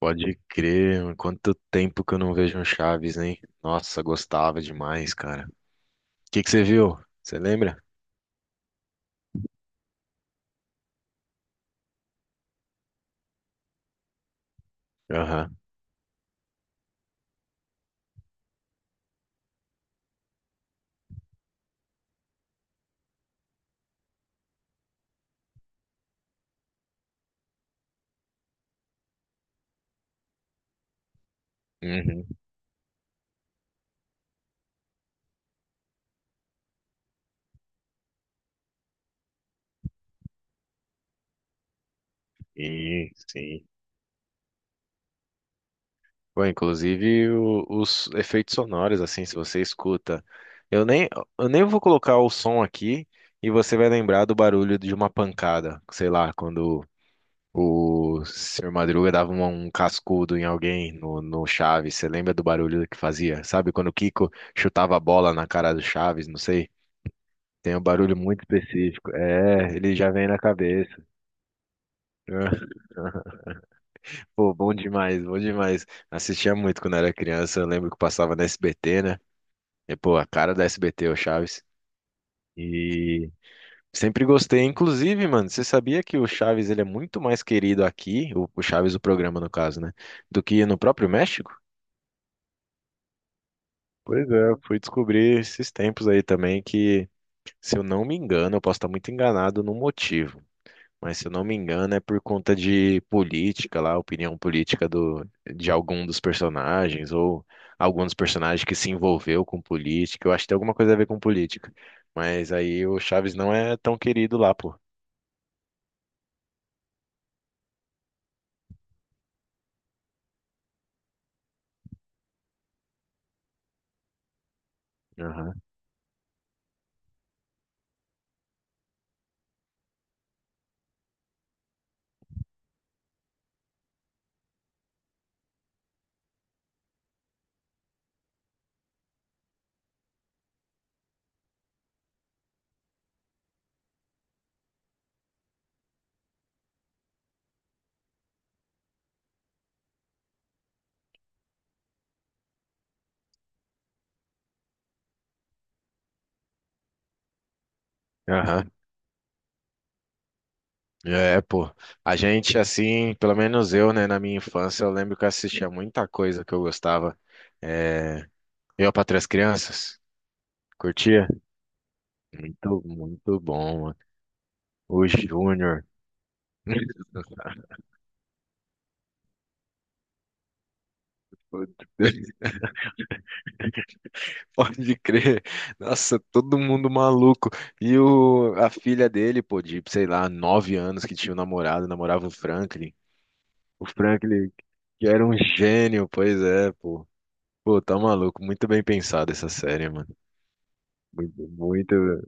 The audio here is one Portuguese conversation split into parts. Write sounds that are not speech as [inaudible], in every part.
Pode crer, mano. Quanto tempo que eu não vejo um Chaves, hein? Nossa, gostava demais, cara. O que que você viu? Você lembra? Aham. Uhum. E sim. Bom, inclusive os efeitos sonoros, assim, se você escuta. Eu nem, eu nem vou colocar o som aqui e você vai lembrar do barulho de uma pancada. Sei lá, quando o senhor Madruga dava um cascudo em alguém no Chaves. Você lembra do barulho que fazia? Sabe quando o Kiko chutava a bola na cara do Chaves? Não sei. Tem um barulho muito específico. É, ele já vem na cabeça. Ah. Pô, bom demais, bom demais. Assistia muito quando era criança. Eu lembro que passava na SBT, né? E, pô, a cara da SBT, o Chaves. E sempre gostei. Inclusive, mano, você sabia que o Chaves ele é muito mais querido aqui, o Chaves, o programa no caso, né? Do que no próprio México? Pois é, eu fui descobrir esses tempos aí também que, se eu não me engano, eu posso estar muito enganado no motivo, mas se eu não me engano é por conta de política lá, opinião política do, de algum dos personagens ou algum dos personagens que se envolveu com política. Eu acho que tem alguma coisa a ver com política, mas aí o Chaves não é tão querido lá, pô. Aham, aham. É, pô. A gente, assim, pelo menos eu, né, na minha infância, eu lembro que eu assistia muita coisa que eu gostava. É, eu, para três Crianças, curtia? Muito, muito bom, mano. O Júnior. [laughs] Pode crer. Nossa, todo mundo maluco. E a filha dele, pô, de, sei lá, 9 anos que tinha um namorado, namorava o Franklin. O Franklin, que era um gênio, pois é, pô. Pô, tá maluco. Muito bem pensada essa série, mano. Muito, muito.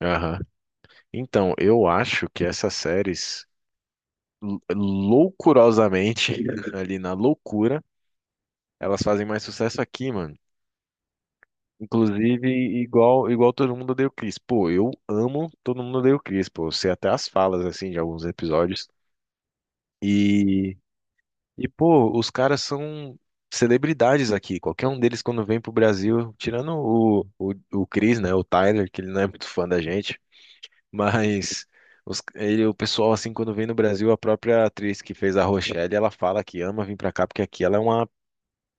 Aham. Então, eu acho que essas séries, loucurosamente, [laughs] ali na loucura, elas fazem mais sucesso aqui, mano. Inclusive, igual todo mundo odeia o Chris. Pô, eu amo todo mundo odeia o Chris, pô. Eu sei até as falas, assim, de alguns episódios. E, e pô, os caras são celebridades aqui. Qualquer um deles, quando vem pro Brasil, tirando o Chris, né? O Tyler, que ele não é muito fã da gente. Mas o pessoal, assim, quando vem no Brasil, a própria atriz que fez a Rochelle, ela fala que ama vir pra cá, porque aqui ela é uma,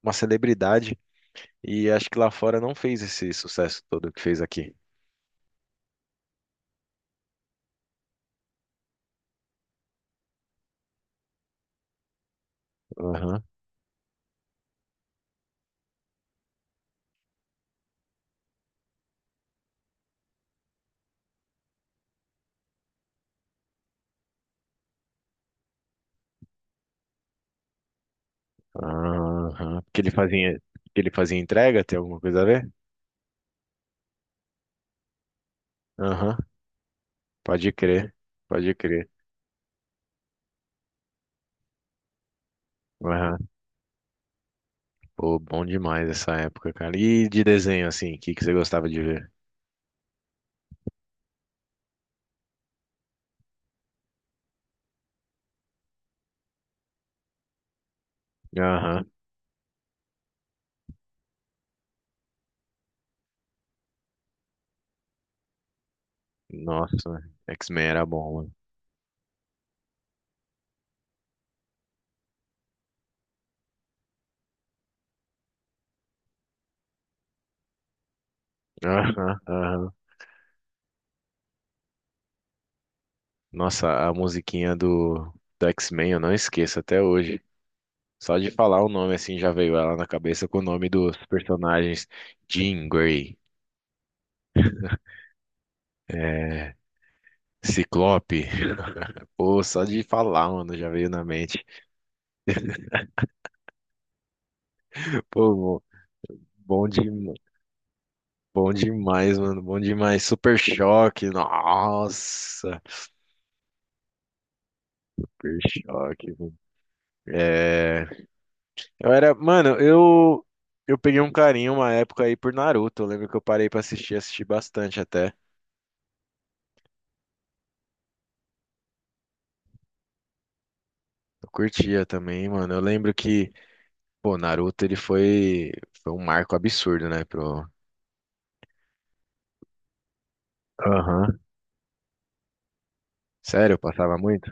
uma celebridade. E acho que lá fora não fez esse sucesso todo que fez aqui. Aham, aham. Porque ele fazia entrega, tem alguma coisa a ver? Aham, pode crer, pode crer. Aham. Pô, bom demais essa época, cara. E de desenho, assim, o que que você gostava de ver? Aham. Nossa, X-Men era bom, mano. Aham, aham. Nossa, a musiquinha do, X-Men eu não esqueço até hoje. Só de falar o nome, assim, já veio ela na cabeça com o nome dos personagens. Jean Grey. É, Ciclope, pô, só de falar, mano, já veio na mente. Pô, bom, de, bom demais, mano, bom demais. Super Choque, nossa, Super Choque, mano. É, eu era, mano, eu peguei um carinho uma época aí por Naruto. Eu lembro que eu parei pra assistir, assisti bastante até. Eu curtia também, mano. Eu lembro que, pô, Naruto ele foi um marco absurdo, né, pro. Aham. Sério, eu passava muito?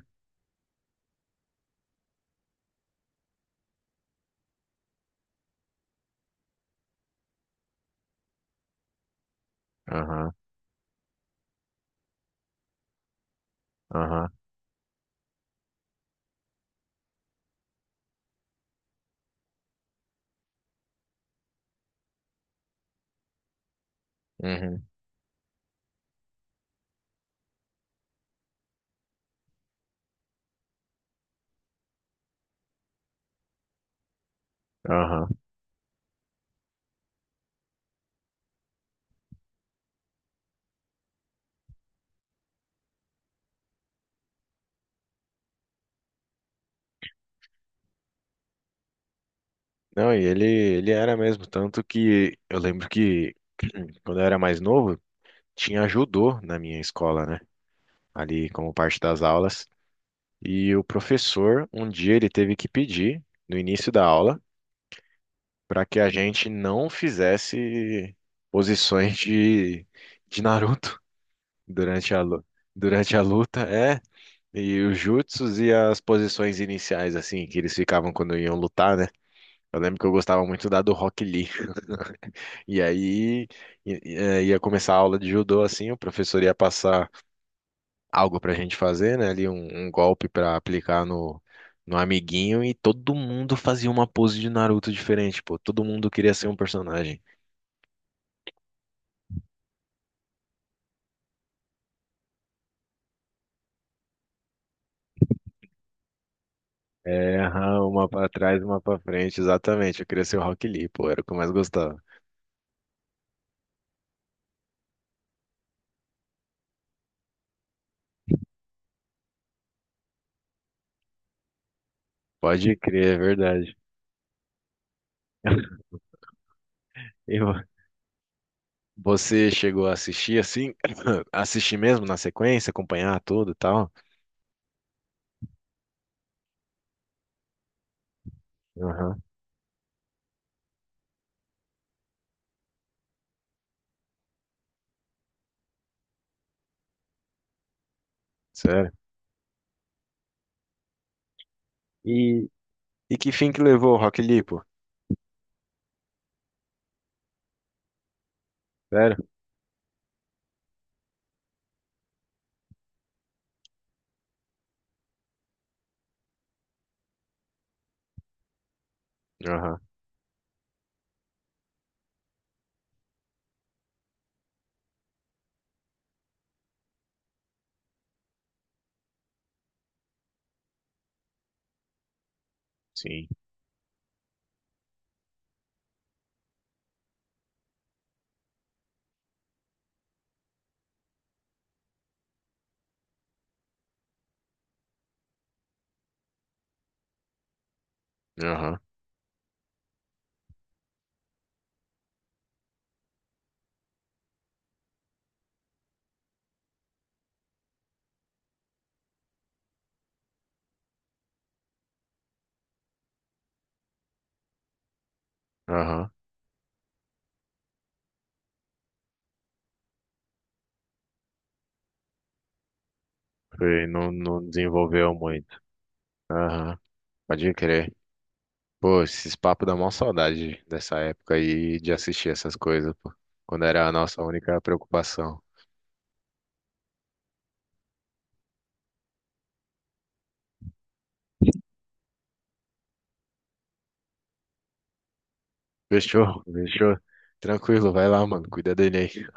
Aham, aham. Uhum. Aham. Não, e ele era mesmo, tanto que eu lembro que [clears throat] quando eu era mais novo, tinha judô na minha escola, né? Ali como parte das aulas. E o professor, um dia, ele teve que pedir, no início da aula, para que a gente não fizesse posições de Naruto durante a, lu- durante a luta. É, e os jutsus e as posições iniciais, assim, que eles ficavam quando iam lutar, né? Eu lembro que eu gostava muito da do Rock Lee. E aí ia começar a aula de judô assim, o professor ia passar algo pra gente fazer, né? Ali um golpe pra aplicar no amiguinho e todo mundo fazia uma pose de Naruto diferente, pô. Todo mundo queria ser um personagem. É, aham, uma pra trás, uma pra frente, exatamente. Eu queria ser o Rock Lee, pô, era o que eu mais gostava. Pode crer, é verdade. [laughs] E você chegou a assistir assim? [coughs] [clears throat] Assistir mesmo na sequência, acompanhar tudo e tal? Aham, sério. E E que fim que levou o Rock Lee, pô? Sério? Aham, sim. Aham, aham. Foi, não, não desenvolveu muito. Aham, pode crer. Pô, esses papos dão mó saudade dessa época aí de assistir essas coisas, pô. Quando era a nossa única preocupação. Fechou, fechou. Tranquilo, vai lá, mano. Cuida dele aí.